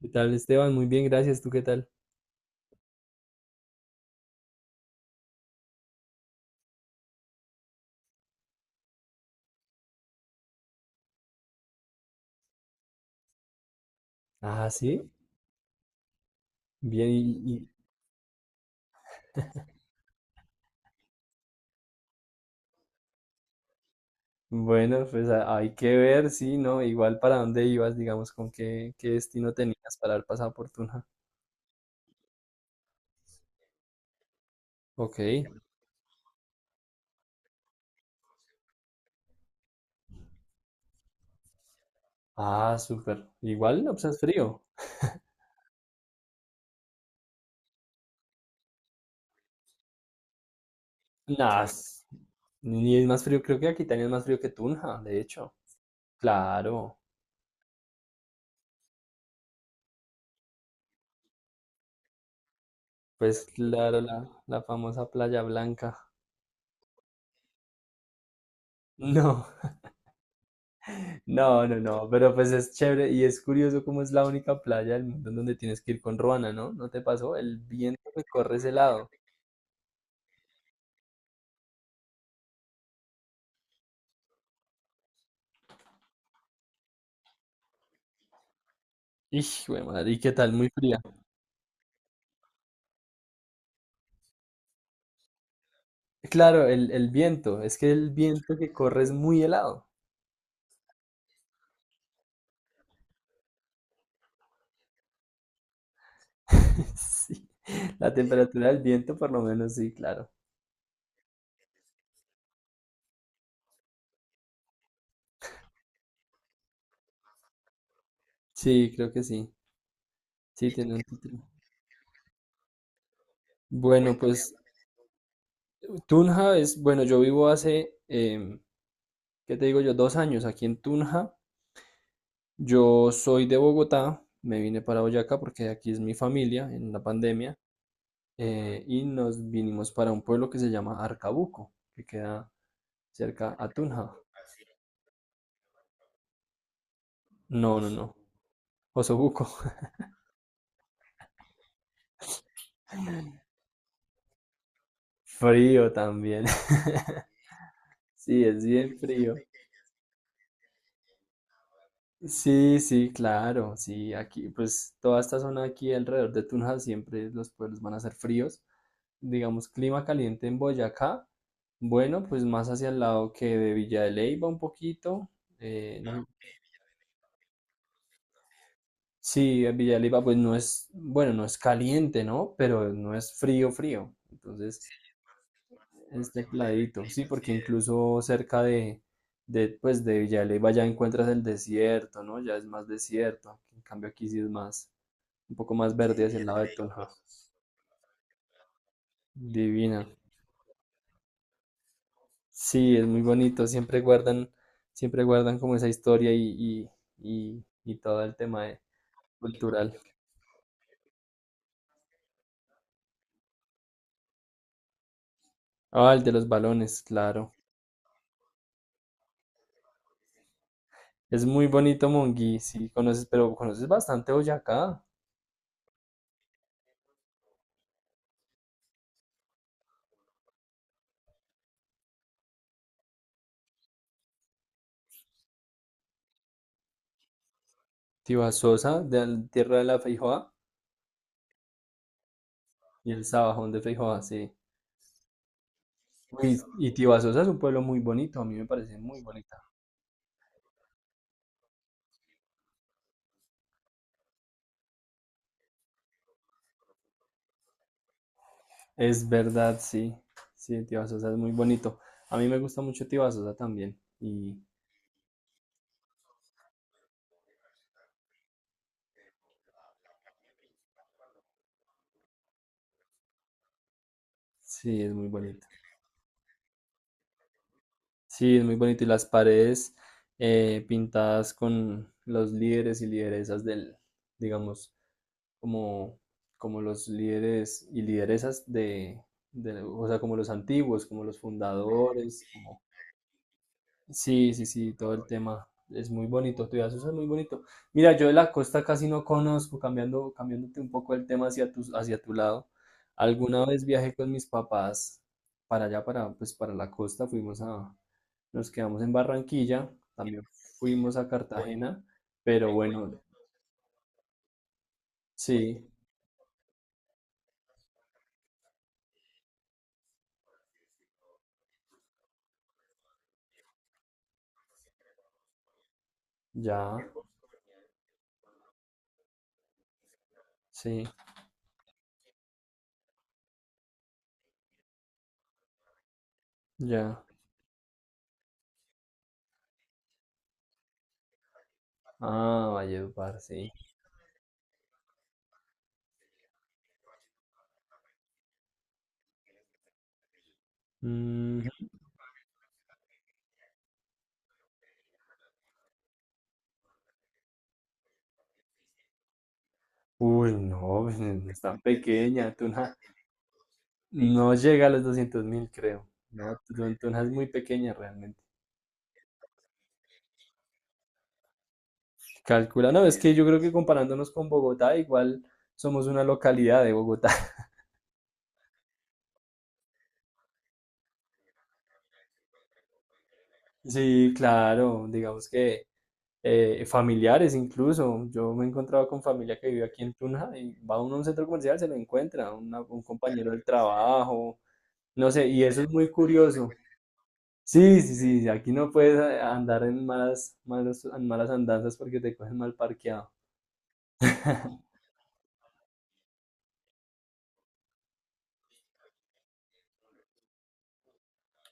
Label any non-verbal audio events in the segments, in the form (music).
¿Qué tal, Esteban? Muy bien, gracias. ¿Tú qué tal? Ah, sí. Bien, bueno, hay que ver, sí, ¿no? Igual para dónde ibas, digamos, qué destino tenías para el pasado por Tunja. Ok. Ah, súper. Igual, no, pues es frío. Nah, es- ni es más frío, creo que aquí también es más frío que Tunja, de hecho. Claro, pues claro, la famosa Playa Blanca. (laughs) No. No, no, no, pero pues es chévere y es curioso cómo es la única playa del mundo en donde tienes que ir con ruana, ¿no? ¿No te pasó? El viento que corre ese lado. Ix, güey, madre, ¿y qué tal? Muy fría. Claro, el viento, es que el viento que corre es muy helado. (laughs) Sí, la temperatura del viento por lo menos sí, claro. Sí, creo que sí. Sí, tiene un título. Bueno, pues Tunja es, bueno, yo vivo hace, em, ¿qué te digo yo? 2 años aquí en Tunja. Yo soy de Bogotá, me vine para Boyacá porque aquí es mi familia en la pandemia, y nos vinimos para un pueblo que se llama Arcabuco, que queda cerca a Tunja. No, no, no, Osobuco. (laughs) Frío también. (laughs) Sí, es bien frío. Sí, sí, claro, sí, aquí pues toda esta zona aquí alrededor de Tunja siempre los pueblos van a ser fríos. Digamos, clima caliente en Boyacá, bueno, pues más hacia el lado que de Villa de Leyva un poquito. eh, Ah, sí, en Villa de Leyva pues no es, bueno, no es caliente, ¿no? Pero no es frío, frío. Entonces es más templadito, sí, porque sí. Incluso cerca de pues de Villa de Leyva ya encuentras el desierto, ¿no? Ya es más desierto. En cambio aquí sí es más, un poco más. Sí, verde hacia el lado de Tolja. Divina. Sí, es muy bonito. Siempre guardan como esa historia y todo el cultural. Ah, el de los balones, claro. Es muy bonito Monguí, sí, conoces, pero conoces bastante Boyacá. Tibasosa, de la tierra de la Feijoa, y el Sabajón de Feijoa, sí. Uy, y Tibasosa es un pueblo muy bonito, a mí me parece muy bonita. Es verdad, sí, sí, Tibasosa es muy bonito. A mí me gusta mucho Tibasosa también, y sí, es muy bonito. Sí, es muy bonito. Y las paredes pintadas con los líderes y lideresas del, digamos, como, como los líderes y lideresas o sea, como los antiguos, como los fundadores, como, sí, sí, sí, todo el tema es muy bonito, Tuyazusa es muy bonito. Mira, yo de la costa casi no conozco, cambiando, cambiándote un poco el tema hacia tu lado. Alguna vez viajé con mis papás para allá, para, pues, para la costa, nos quedamos en Barranquilla, también fuimos a Cartagena, pero bueno, sí, ya, sí, ya. Ah, Valledupar, sí. Mm, uy, no, (laughs) pues, es tan pequeña, tú no. No llega a los 200.000, creo. No, Tunja es muy pequeña realmente. Calcula, no, es que yo creo que comparándonos con Bogotá, igual somos una localidad de Bogotá. (laughs) Sí, claro, digamos que familiares incluso. Yo me he encontrado con familia que vive aquí en Tunja y va uno a un centro comercial, se lo encuentra, un compañero del trabajo, no sé, y eso es muy curioso. Sí, sí, sí, sí, aquí no puedes andar en malas andanzas porque te cogen mal parqueado.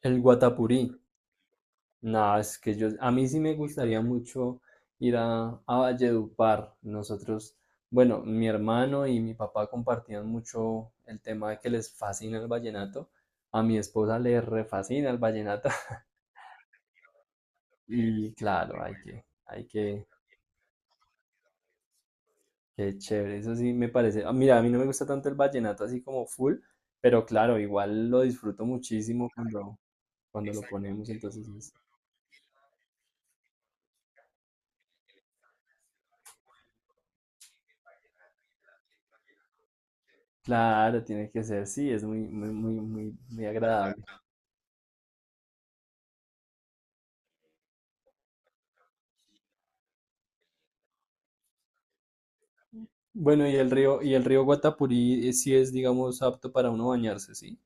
El Guatapurí. No, es que yo, a mí sí me gustaría mucho ir a Valledupar. Nosotros, bueno, mi hermano y mi papá compartían mucho el tema de que les fascina el vallenato. A mi esposa le refascina el vallenato. (laughs) Y claro, qué chévere. Eso sí me parece. Mira, a mí no me gusta tanto el vallenato así como full, pero claro, igual lo disfruto muchísimo cuando lo ponemos. Claro, tiene que ser, sí, es muy, muy, muy, muy, muy agradable. Bueno, y el río Guatapurí, sí es, digamos, apto para uno bañarse, ¿sí?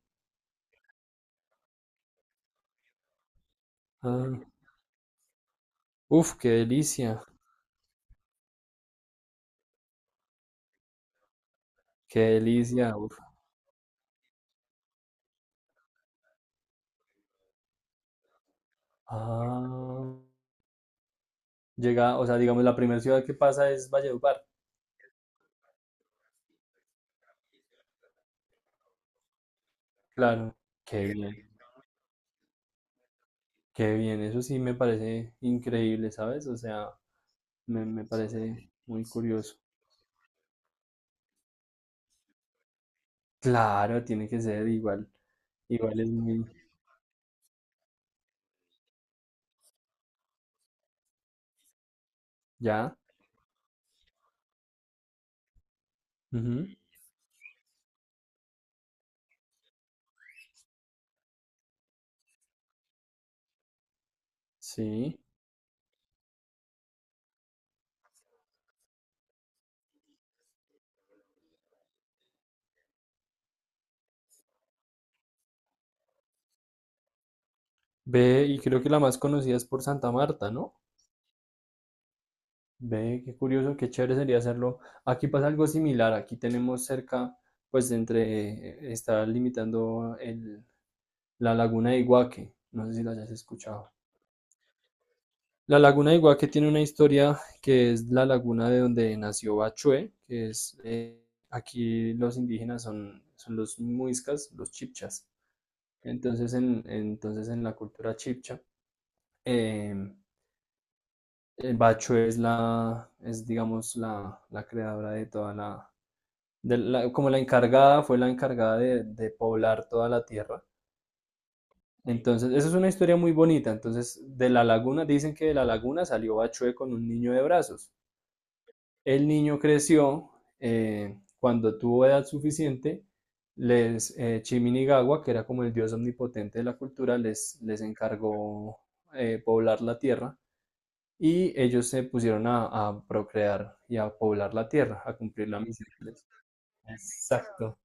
Ah, uf, qué delicia, uf. Ah, llega, o sea, digamos, la primera ciudad que pasa es Valledupar. Claro, qué bien, qué bien, eso sí me parece increíble, ¿sabes? O sea, me parece muy curioso. Claro, tiene que ser igual, igual es muy, ya, ujú, sí. Ve, y creo que la más conocida es por Santa Marta, ¿no? Ve, qué curioso, qué chévere sería hacerlo. Aquí pasa algo similar, aquí tenemos cerca, está limitando el, la laguna de Iguaque, no sé si la hayas escuchado. La laguna de Iguaque tiene una historia que es la laguna de donde nació Bachué, que es, aquí los indígenas son, son los muiscas, los chipchas. Entonces en la cultura chipcha, eh, el Bachué es la, es digamos la creadora de toda la como la encargada, fue la encargada de poblar toda la tierra. Entonces, esa es una historia muy bonita. Entonces, de la laguna, dicen que de la laguna salió Bachué con un niño de brazos. El niño creció, cuando tuvo edad suficiente, Chiminigawa, que era como el dios omnipotente de la cultura, les encargó poblar la tierra y ellos se pusieron a procrear y a poblar la tierra, a cumplir la misión. Exacto.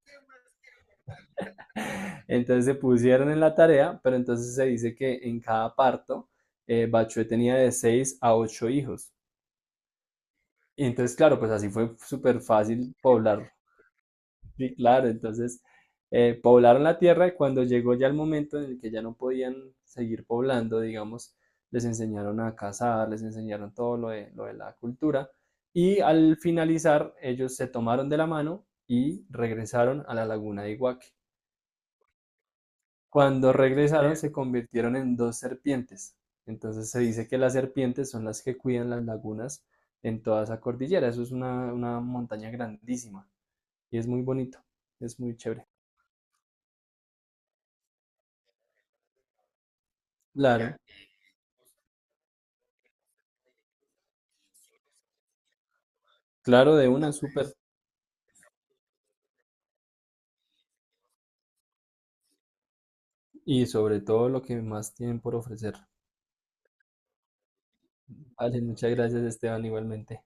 Entonces se pusieron en la tarea, pero entonces se dice que en cada parto Bachué tenía de 6 a 8 hijos. Y entonces, claro, pues así fue súper fácil poblar. Sí, claro, entonces poblaron la tierra y cuando llegó ya el momento en el que ya no podían seguir poblando, digamos, les enseñaron a cazar, les enseñaron todo lo lo de la cultura y al finalizar ellos se tomaron de la mano y regresaron a la laguna de Iguaque. Cuando regresaron se convirtieron en dos serpientes. Entonces se dice que las serpientes son las que cuidan las lagunas en toda esa cordillera. Eso es una montaña grandísima y es muy bonito, es muy chévere. Claro, claro, de una listo, súper pues. Y sobre todo lo que más tienen por ofrecer. Vale, muchas gracias Esteban, igualmente.